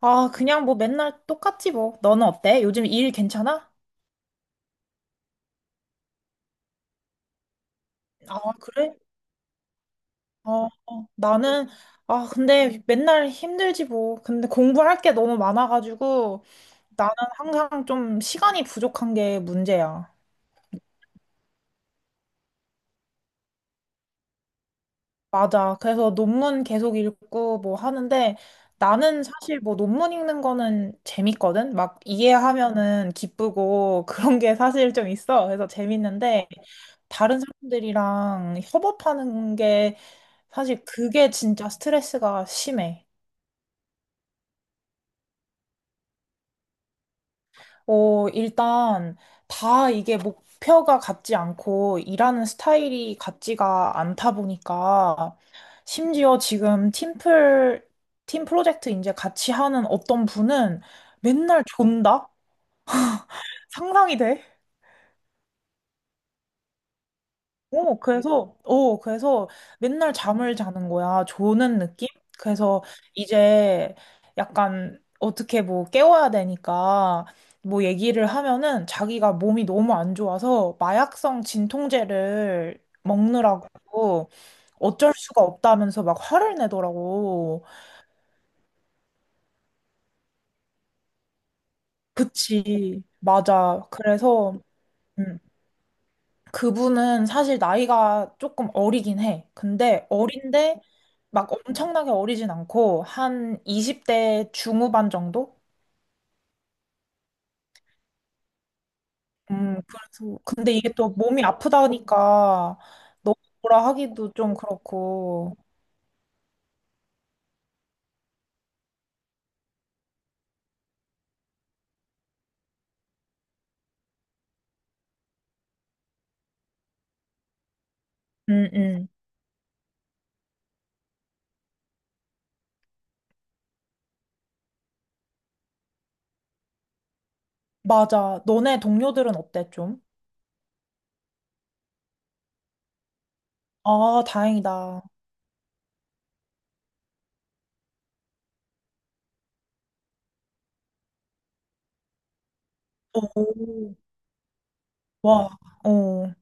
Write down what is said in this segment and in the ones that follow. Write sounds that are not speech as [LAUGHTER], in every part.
아, 그냥 뭐 맨날 똑같지 뭐. 너는 어때? 요즘 일 괜찮아? 아, 그래? 어, 어. 나는, 아, 근데 맨날 힘들지 뭐. 근데 공부할 게 너무 많아가지고 나는 항상 좀 시간이 부족한 게 문제야. 맞아. 그래서 논문 계속 읽고 뭐 하는데 나는 사실 뭐 논문 읽는 거는 재밌거든? 막 이해하면은 기쁘고 [LAUGHS] 그런 게 사실 좀 있어. 그래서 재밌는데 다른 사람들이랑 협업하는 게 사실 그게 진짜 스트레스가 심해. 어, 일단 다 이게 목표가 같지 않고 일하는 스타일이 같지가 않다 보니까 심지어 지금 팀플, 팀 프로젝트 이제 같이 하는 어떤 분은 맨날 존다? 상상이 돼? 어, 그래서, 어, 그래서 맨날 잠을 자는 거야. 조는 느낌? 그래서 이제 약간 어떻게 뭐 깨워야 되니까 뭐 얘기를 하면은 자기가 몸이 너무 안 좋아서 마약성 진통제를 먹느라고 어쩔 수가 없다면서 막 화를 내더라고. 그치. 맞아. 그래서, 음. 그분은 사실 나이가 조금 어리긴 해. 근데 어린데 막 엄청나게 어리진 않고 한 20대 중후반 정도? 그래서 근데 이게 또 몸이 아프다니까 너무 뭐라 하기도 좀 그렇고. 음, 음. 맞아. 너네 동료들은 어때 좀? 아, 다행이다. 오, 와, 어.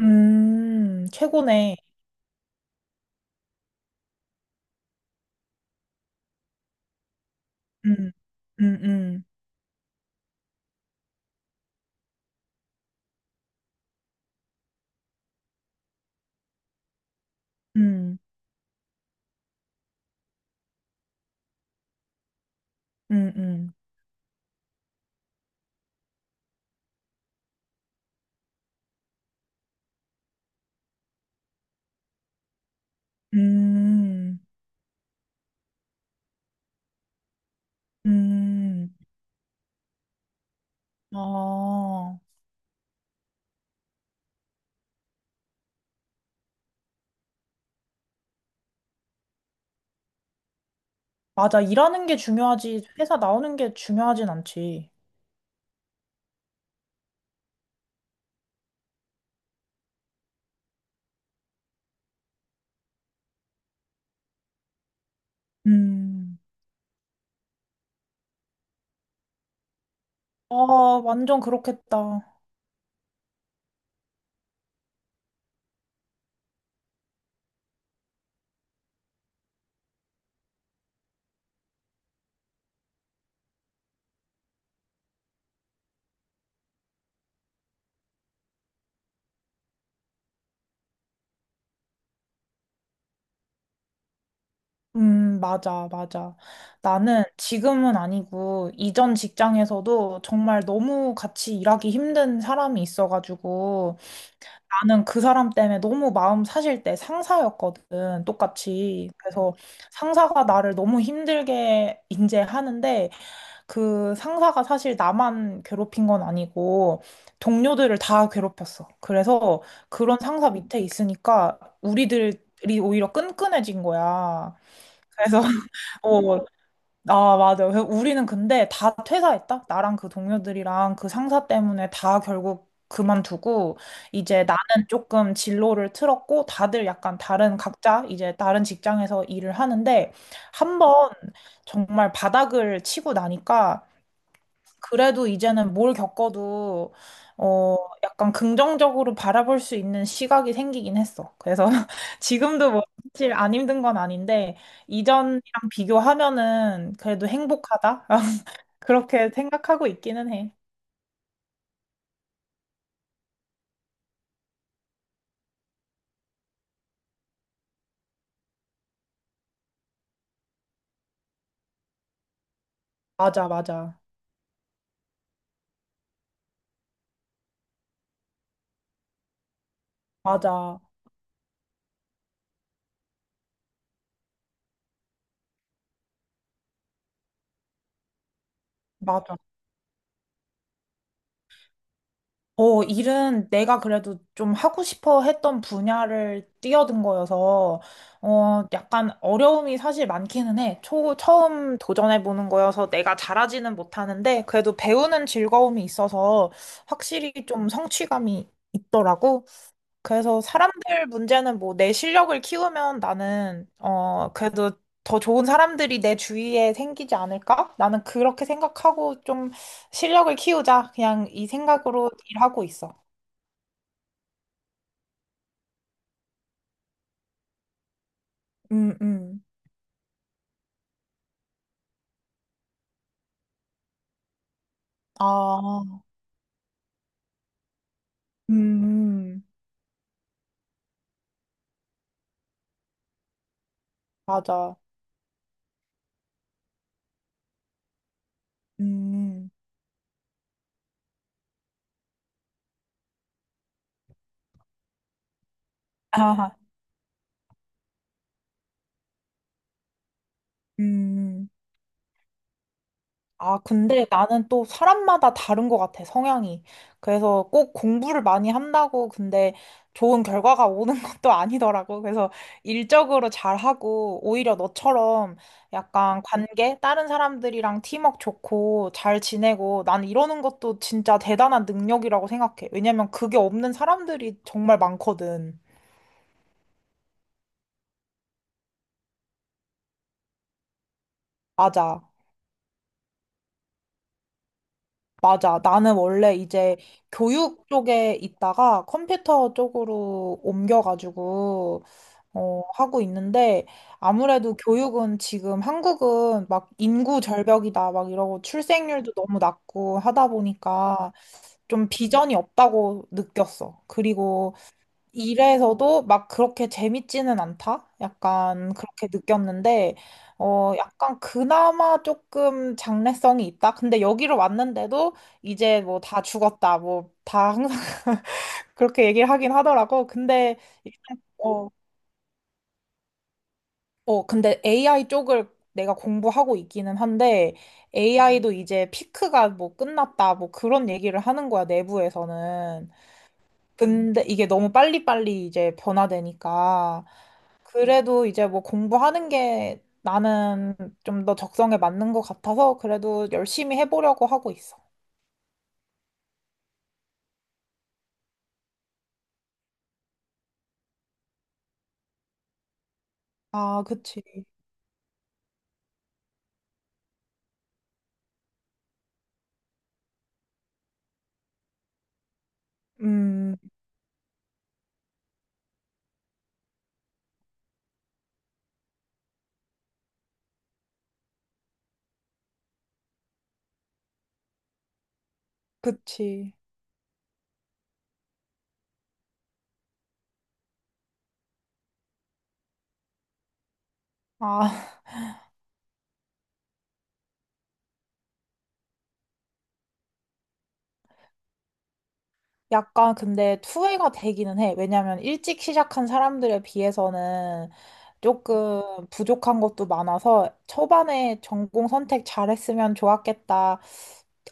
최고네. 음, 음, 음, 음, 음, 음. 음. 음, 아, 맞아. 일하는 게 중요하지. 회사 나오는 게 중요하진 않지. 음, 아, 완전 그렇겠다. 맞아, 맞아. 나는 지금은 아니고, 이전 직장에서도 정말 너무 같이 일하기 힘든 사람이 있어가지고, 나는 그 사람 때문에 너무 마음 사실 때 상사였거든, 똑같이. 그래서 상사가 나를 너무 힘들게 인제 하는데, 그 상사가 사실 나만 괴롭힌 건 아니고 동료들을 다 괴롭혔어. 그래서 그런 상사 밑에 있으니까 우리들이 오히려 끈끈해진 거야. 그래서 [LAUGHS] 어, 아, 맞아. 그래서 우리는 근데 다 퇴사했다. 나랑 그 동료들이랑 그 상사 때문에 다 결국 그만두고 이제 나는 조금 진로를 틀었고 다들 약간 다른 각자 이제 다른 직장에서 일을 하는데 한 번 정말 바닥을 치고 나니까 그래도 이제는 뭘 겪어도 어 약간 긍정적으로 바라볼 수 있는 시각이 생기긴 했어. 그래서 [LAUGHS] 지금도 뭐 사실 안 힘든 건 아닌데 이전이랑 비교하면은 그래도 행복하다. [LAUGHS] 그렇게 생각하고 있기는 해. 맞아, 맞아. 맞아. 맞아. 어, 일은 내가 그래도 좀 하고 싶어 했던 분야를 뛰어든 거여서, 어, 약간 어려움이 사실 많기는 해. 처음 도전해보는 거여서 내가 잘하지는 못하는데, 그래도 배우는 즐거움이 있어서 확실히 좀 성취감이 있더라고. 그래서 사람들 문제는 뭐 내 실력을 키우면 나는 어 그래도 더 좋은 사람들이 내 주위에 생기지 않을까? 나는 그렇게 생각하고 좀 실력을 키우자. 그냥 이 생각으로 일하고 있어. 음, 음. 아, 음, 음. 맞아. 음. 아, [LAUGHS] 음. 아, 근데 나는 또 사람마다 다른 것 같아, 성향이. 그래서 꼭 공부를 많이 한다고, 근데 좋은 결과가 오는 [LAUGHS] 것도 아니더라고. 그래서 일적으로 잘하고, 오히려 너처럼 약간 관계, 다른 사람들이랑 팀워크 좋고, 잘 지내고, 나는 이러는 것도 진짜 대단한 능력이라고 생각해. 왜냐면 그게 없는 사람들이 정말 많거든. 맞아. 맞아. 나는 원래 이제 교육 쪽에 있다가 컴퓨터 쪽으로 옮겨가지고, 어, 하고 있는데, 아무래도 교육은 지금 한국은 막 인구 절벽이다, 막 이러고 출생률도 너무 낮고 하다 보니까 좀 비전이 없다고 느꼈어. 그리고 일에서도 막 그렇게 재밌지는 않다? 약간 그렇게 느꼈는데, 어, 약간 그나마 조금 장래성이 있다? 근데 여기로 왔는데도 이제 뭐 다 죽었다. 뭐 다 항상 [LAUGHS] 그렇게 얘기를 하긴 하더라고. 근데 일단, 어, 어, 근데 AI 쪽을 내가 공부하고 있기는 한데, AI도 이제 피크가 뭐 끝났다. 뭐 그런 얘기를 하는 거야, 내부에서는. 근데 이게 너무 빨리빨리 이제 변화되니까 그래도 이제 뭐 공부하는 게 나는 좀 더 적성에 맞는 것 같아서 그래도 열심히 해보려고 하고 있어. 아, 그치. 음, 그치. 아, [LAUGHS] 약간 근데 투회가 되기는 해. 왜냐면 일찍 시작한 사람들에 비해서는 조금 부족한 것도 많아서 초반에 전공 선택 잘했으면 좋았겠다.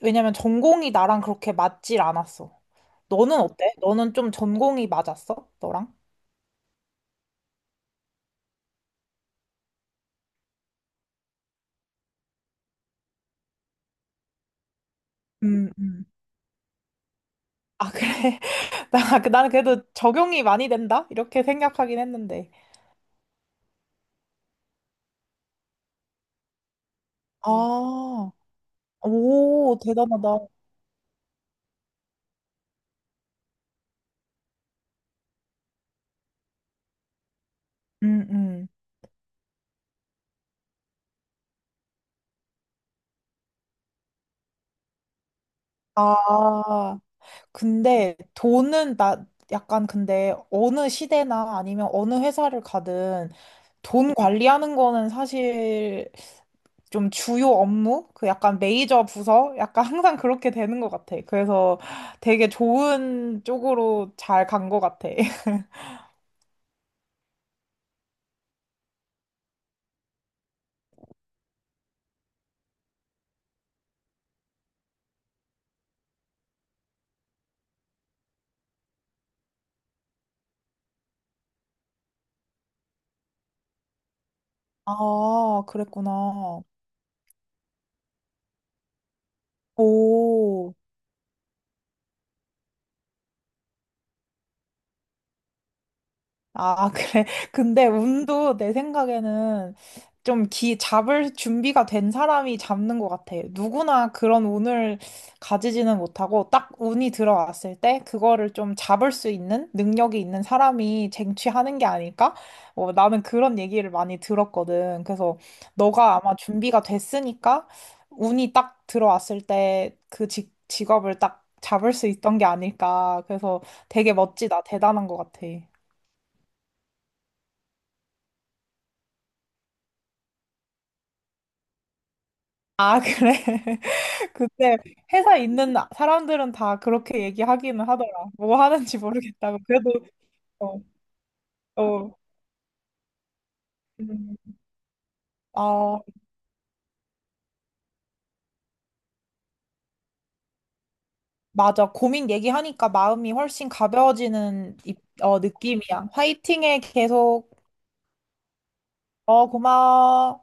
왜냐면 전공이 나랑 그렇게 맞질 않았어. 너는 어때? 너는 좀 전공이 맞았어? 너랑? 음, 음. 아, 그래. [LAUGHS] 나, 나는 그래도 적용이 많이 된다? 이렇게 생각하긴 했는데. 아, 오, 대단하다. 음, 음. 아, 근데 돈은 나 약간 근데 어느 시대나 아니면 어느 회사를 가든 돈 관리하는 거는 사실 좀 주요 업무? 그 약간 메이저 부서? 약간 항상 그렇게 되는 것 같아. 그래서 되게 좋은 쪽으로 잘 간 것 같아. [LAUGHS] 아, 그랬구나. 오. 아, 그래. [LAUGHS] 근데 운도 내 생각에는 좀 잡을 준비가 된 사람이 잡는 것 같아. 누구나 그런 운을 가지지는 못하고 딱 운이 들어왔을 때 그거를 좀 잡을 수 있는 능력이 있는 사람이 쟁취하는 게 아닐까? 어, 나는 그런 얘기를 많이 들었거든. 그래서 너가 아마 준비가 됐으니까 운이 딱 들어왔을 때 그 직업을 딱 잡을 수 있던 게 아닐까. 그래서 되게 멋지다. 대단한 것 같아. 아, 그래? [LAUGHS] 근데 회사 있는 사람들은 다 그렇게 얘기하기는 하더라. 뭐 하는지 모르겠다고. 그래도, 어, 어. 음. 아, 맞아. 고민 얘기하니까 마음이 훨씬 어, 느낌이야. 화이팅해, 계속. 어, 고마워.